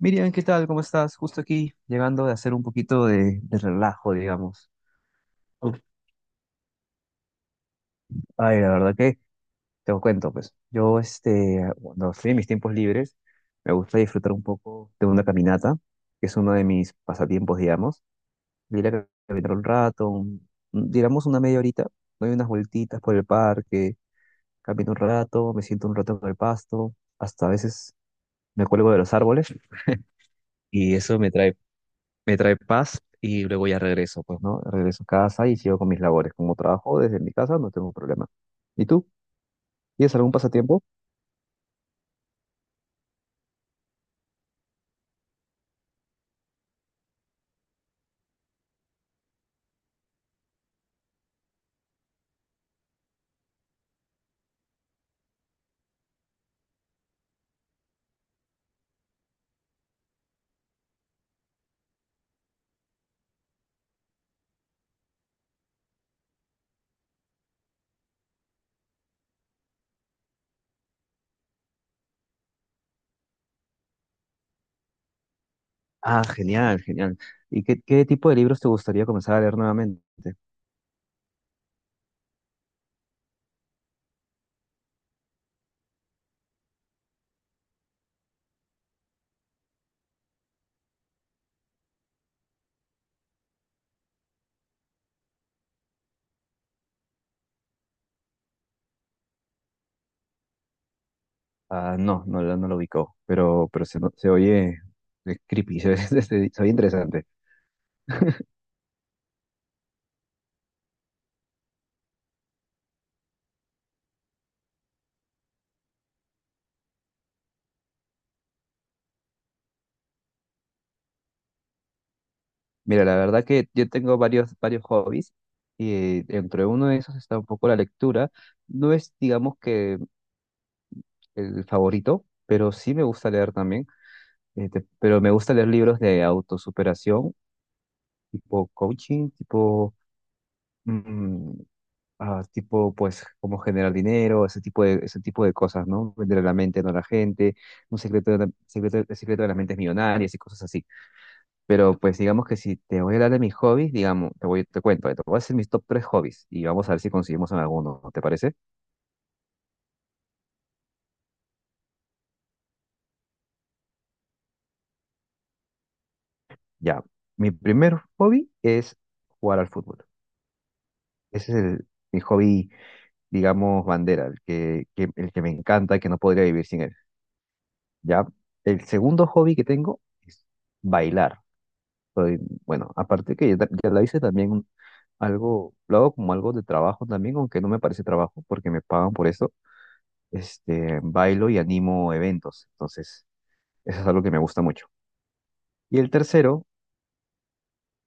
Miriam, ¿qué tal? ¿Cómo estás? Justo aquí, llegando de hacer un poquito de relajo, digamos. Uf, la verdad que te lo cuento, pues. Yo, este, cuando estoy en mis tiempos libres, me gusta disfrutar un poco de una caminata, que es uno de mis pasatiempos, digamos. Ir a caminar un rato, digamos una media horita, doy unas vueltitas por el parque, camino un rato, me siento un rato en el pasto, hasta a veces me cuelgo de los árboles y eso me trae paz y luego ya regreso, pues, ¿no? Regreso a casa y sigo con mis labores. Como trabajo desde mi casa, no tengo problema. ¿Y tú? ¿Tienes algún pasatiempo? Ah, genial, genial. Y qué tipo de libros te gustaría comenzar a leer nuevamente? Ah, no, no, no lo ubicó, pero se oye creepy, se oye interesante. Mira, la verdad que yo tengo varios hobbies y entre uno de esos está un poco la lectura. No es, digamos que el favorito, pero sí me gusta leer también. Este, pero me gusta leer libros de autosuperación, tipo coaching, tipo, mm, tipo, pues, cómo generar dinero, ese ese tipo de cosas, ¿no? Vender la mente, no a la gente, un secreto de la, secreto, el secreto de las mentes millonarias y cosas así. Pero, pues, digamos que si te voy a hablar de mis hobbies, digamos, te cuento, te voy a hacer mis top tres hobbies y vamos a ver si conseguimos en alguno, ¿te parece? Ya. Mi primer hobby es jugar al fútbol. Ese es mi hobby digamos, bandera, el que me encanta, que no podría vivir sin él, ¿ya? El segundo hobby que tengo es bailar. Soy- bueno, aparte que ya lo hice también algo, lo hago como algo de trabajo también, aunque no me parece trabajo porque me pagan por eso. Este, bailo y animo eventos, entonces eso es algo que me gusta mucho. Y el tercero,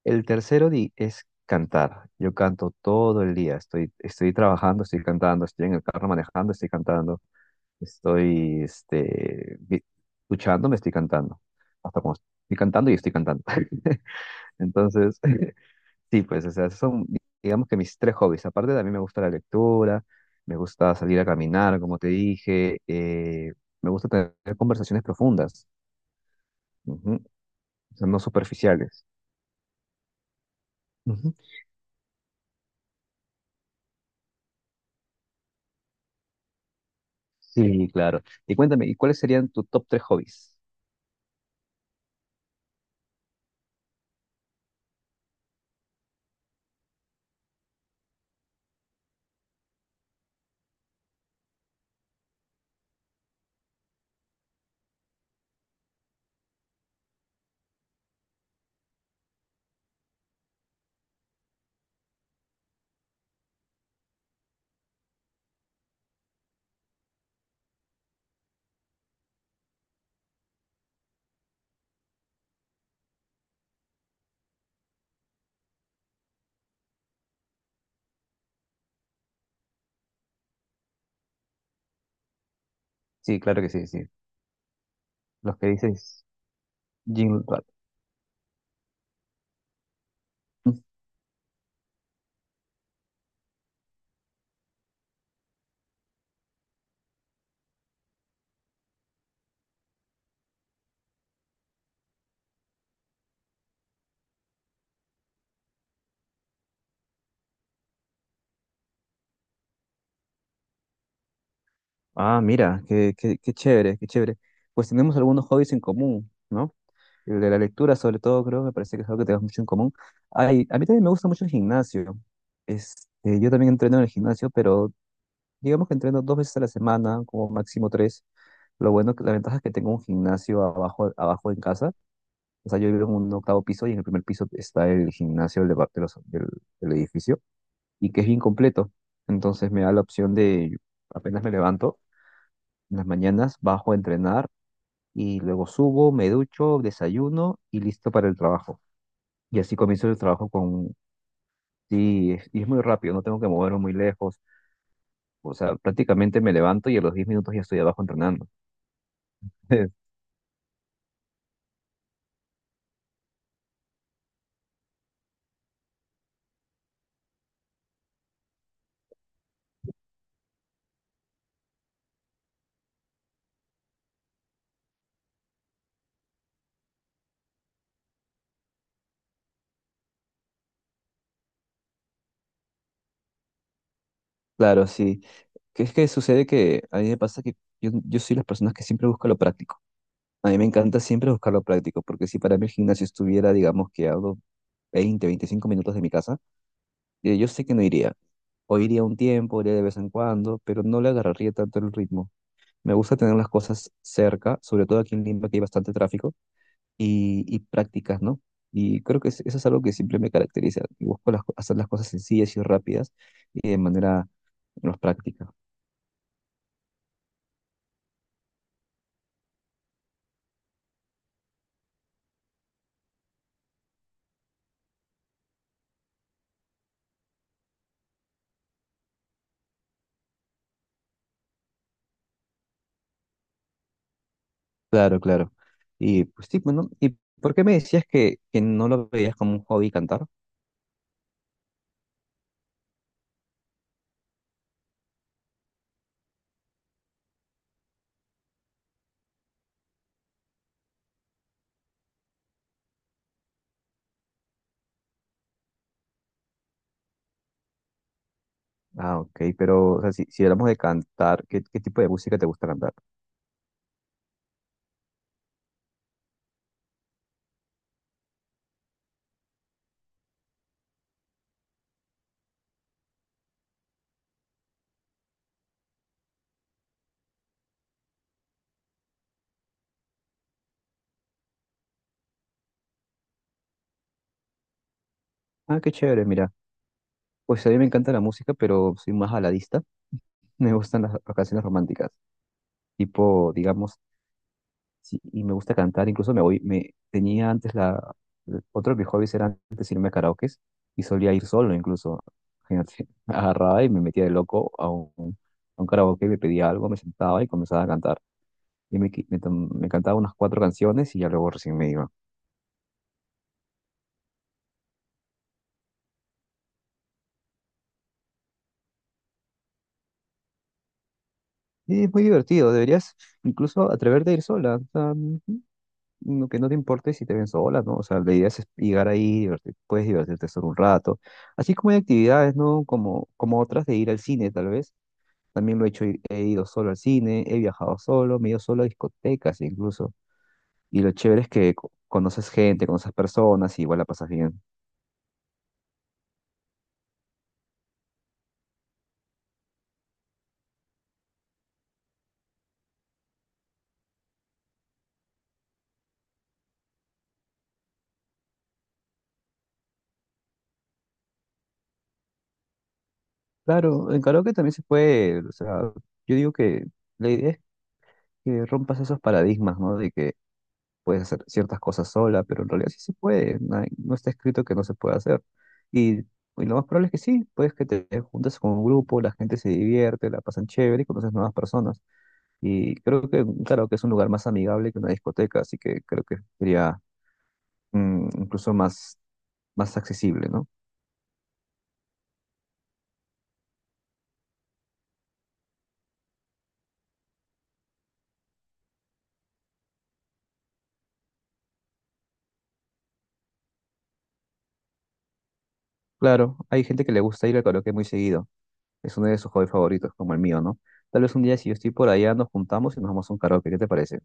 es cantar. Yo canto todo el día, estoy trabajando, estoy cantando, estoy en el carro manejando, estoy cantando. Estoy, este, vi- Duchando, me estoy cantando. Hasta como estoy cantando y estoy cantando. Entonces, sí, pues, o sea, esos son, digamos que mis tres hobbies. Aparte, también me gusta la lectura, me gusta salir a caminar, como te dije, me gusta tener conversaciones profundas, ujú, o sea, no superficiales. Ujú. Sí, claro. Y cuéntame, ¿y cuáles serían tus top tres hobbies? Sí, claro que sí, sí. Los que dices Jim Rat. Ah, mira, qué chévere, qué chévere. Pues tenemos algunos hobbies en común, ¿no? El de la lectura, sobre todo, creo, me parece que es algo que tenemos mucho en común. Ay, a mí también me gusta mucho el gimnasio. Este, yo también entreno en el gimnasio, pero digamos que entreno dos veces a la semana, como máximo tres. Lo bueno, que la ventaja es que tengo un gimnasio abajo, abajo en casa. O sea, yo vivo en un octavo piso y en el primer piso está el gimnasio del, depart- de los- del del edificio y que es bien completo. Entonces me da la opción de, apenas me levanto, en las mañanas bajo a entrenar y luego subo, me ducho, desayuno y listo para el trabajo. Y así comienzo el trabajo con... Sí, y es muy rápido, no tengo que moverme muy lejos. O sea, prácticamente me levanto y a los 10 minutos ya estoy abajo entrenando. Claro, sí. Que es que sucede que a mí me pasa que yo soy las personas que siempre busca lo práctico. A mí me encanta siempre buscar lo práctico, porque si para mí el gimnasio estuviera, digamos, que a unos 20 25 minutos de mi casa, yo sé que no iría. O iría un tiempo, iría de vez en cuando, pero no le agarraría tanto el ritmo. Me gusta tener las cosas cerca, sobre todo aquí en Lima que hay bastante tráfico y prácticas, ¿no? Y creo que eso es algo que siempre me caracteriza. Y busco hacer las cosas sencillas y rápidas y de manera más práctica. Claro, claro. Y pues sí, bueno, ¿y por qué me decías que no lo veías como un hobby cantar? Ah, ok, pero o sea, si hablamos de cantar, qué tipo de música te gusta cantar? Ah, qué chévere, mira. Pues a mí me encanta la música, pero soy más baladista. Me gustan las canciones románticas tipo, digamos, Sí, y me gusta cantar, incluso me tenía antes la, otro de mis hobbies era antes irme a karaokes y solía ir solo incluso, fíjate, agarraba y me metía de loco a a un karaoke, me pedía algo, me sentaba y comenzaba a cantar. Y me, qui- me, tom- me cantaba unas cuatro canciones y ya luego recién me iba. Y es muy divertido, deberías incluso atreverte a ir sola, o sea, que no te importe si te ven sola, ¿no? O sea, la idea es llegar ahí, puedes divertirte solo un rato. Así como hay actividades, ¿no? Como otras de ir al cine, tal vez también lo he hecho, he ido solo al cine, he viajado solo, me he ido solo a discotecas incluso. Y lo chévere es que conoces gente, conoces personas y igual la pasas bien. Claro, en karaoke también se puede, o sea, yo digo que la idea es que rompas esos paradigmas, ¿no? De que puedes hacer ciertas cosas sola, pero en realidad sí se puede, no, no está escrito que no se pueda hacer. Y lo más probable es que sí, puedes que te juntes con un grupo, la gente se divierte, la pasan chévere y conoces nuevas personas. Y creo que, claro, que es un lugar más amigable que una discoteca, así que creo que sería incluso más accesible, ¿no? Claro, hay gente que le gusta ir al karaoke muy seguido. Es uno de sus hobbies favoritos, como el mío, ¿no? Tal vez un día, si yo estoy por allá, nos juntamos y nos vamos a un karaoke. ¿Qué te parece?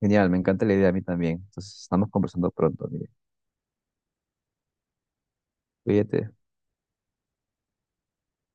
Genial, me encanta la idea a mí también. Entonces, estamos conversando pronto, mire. Cuídate.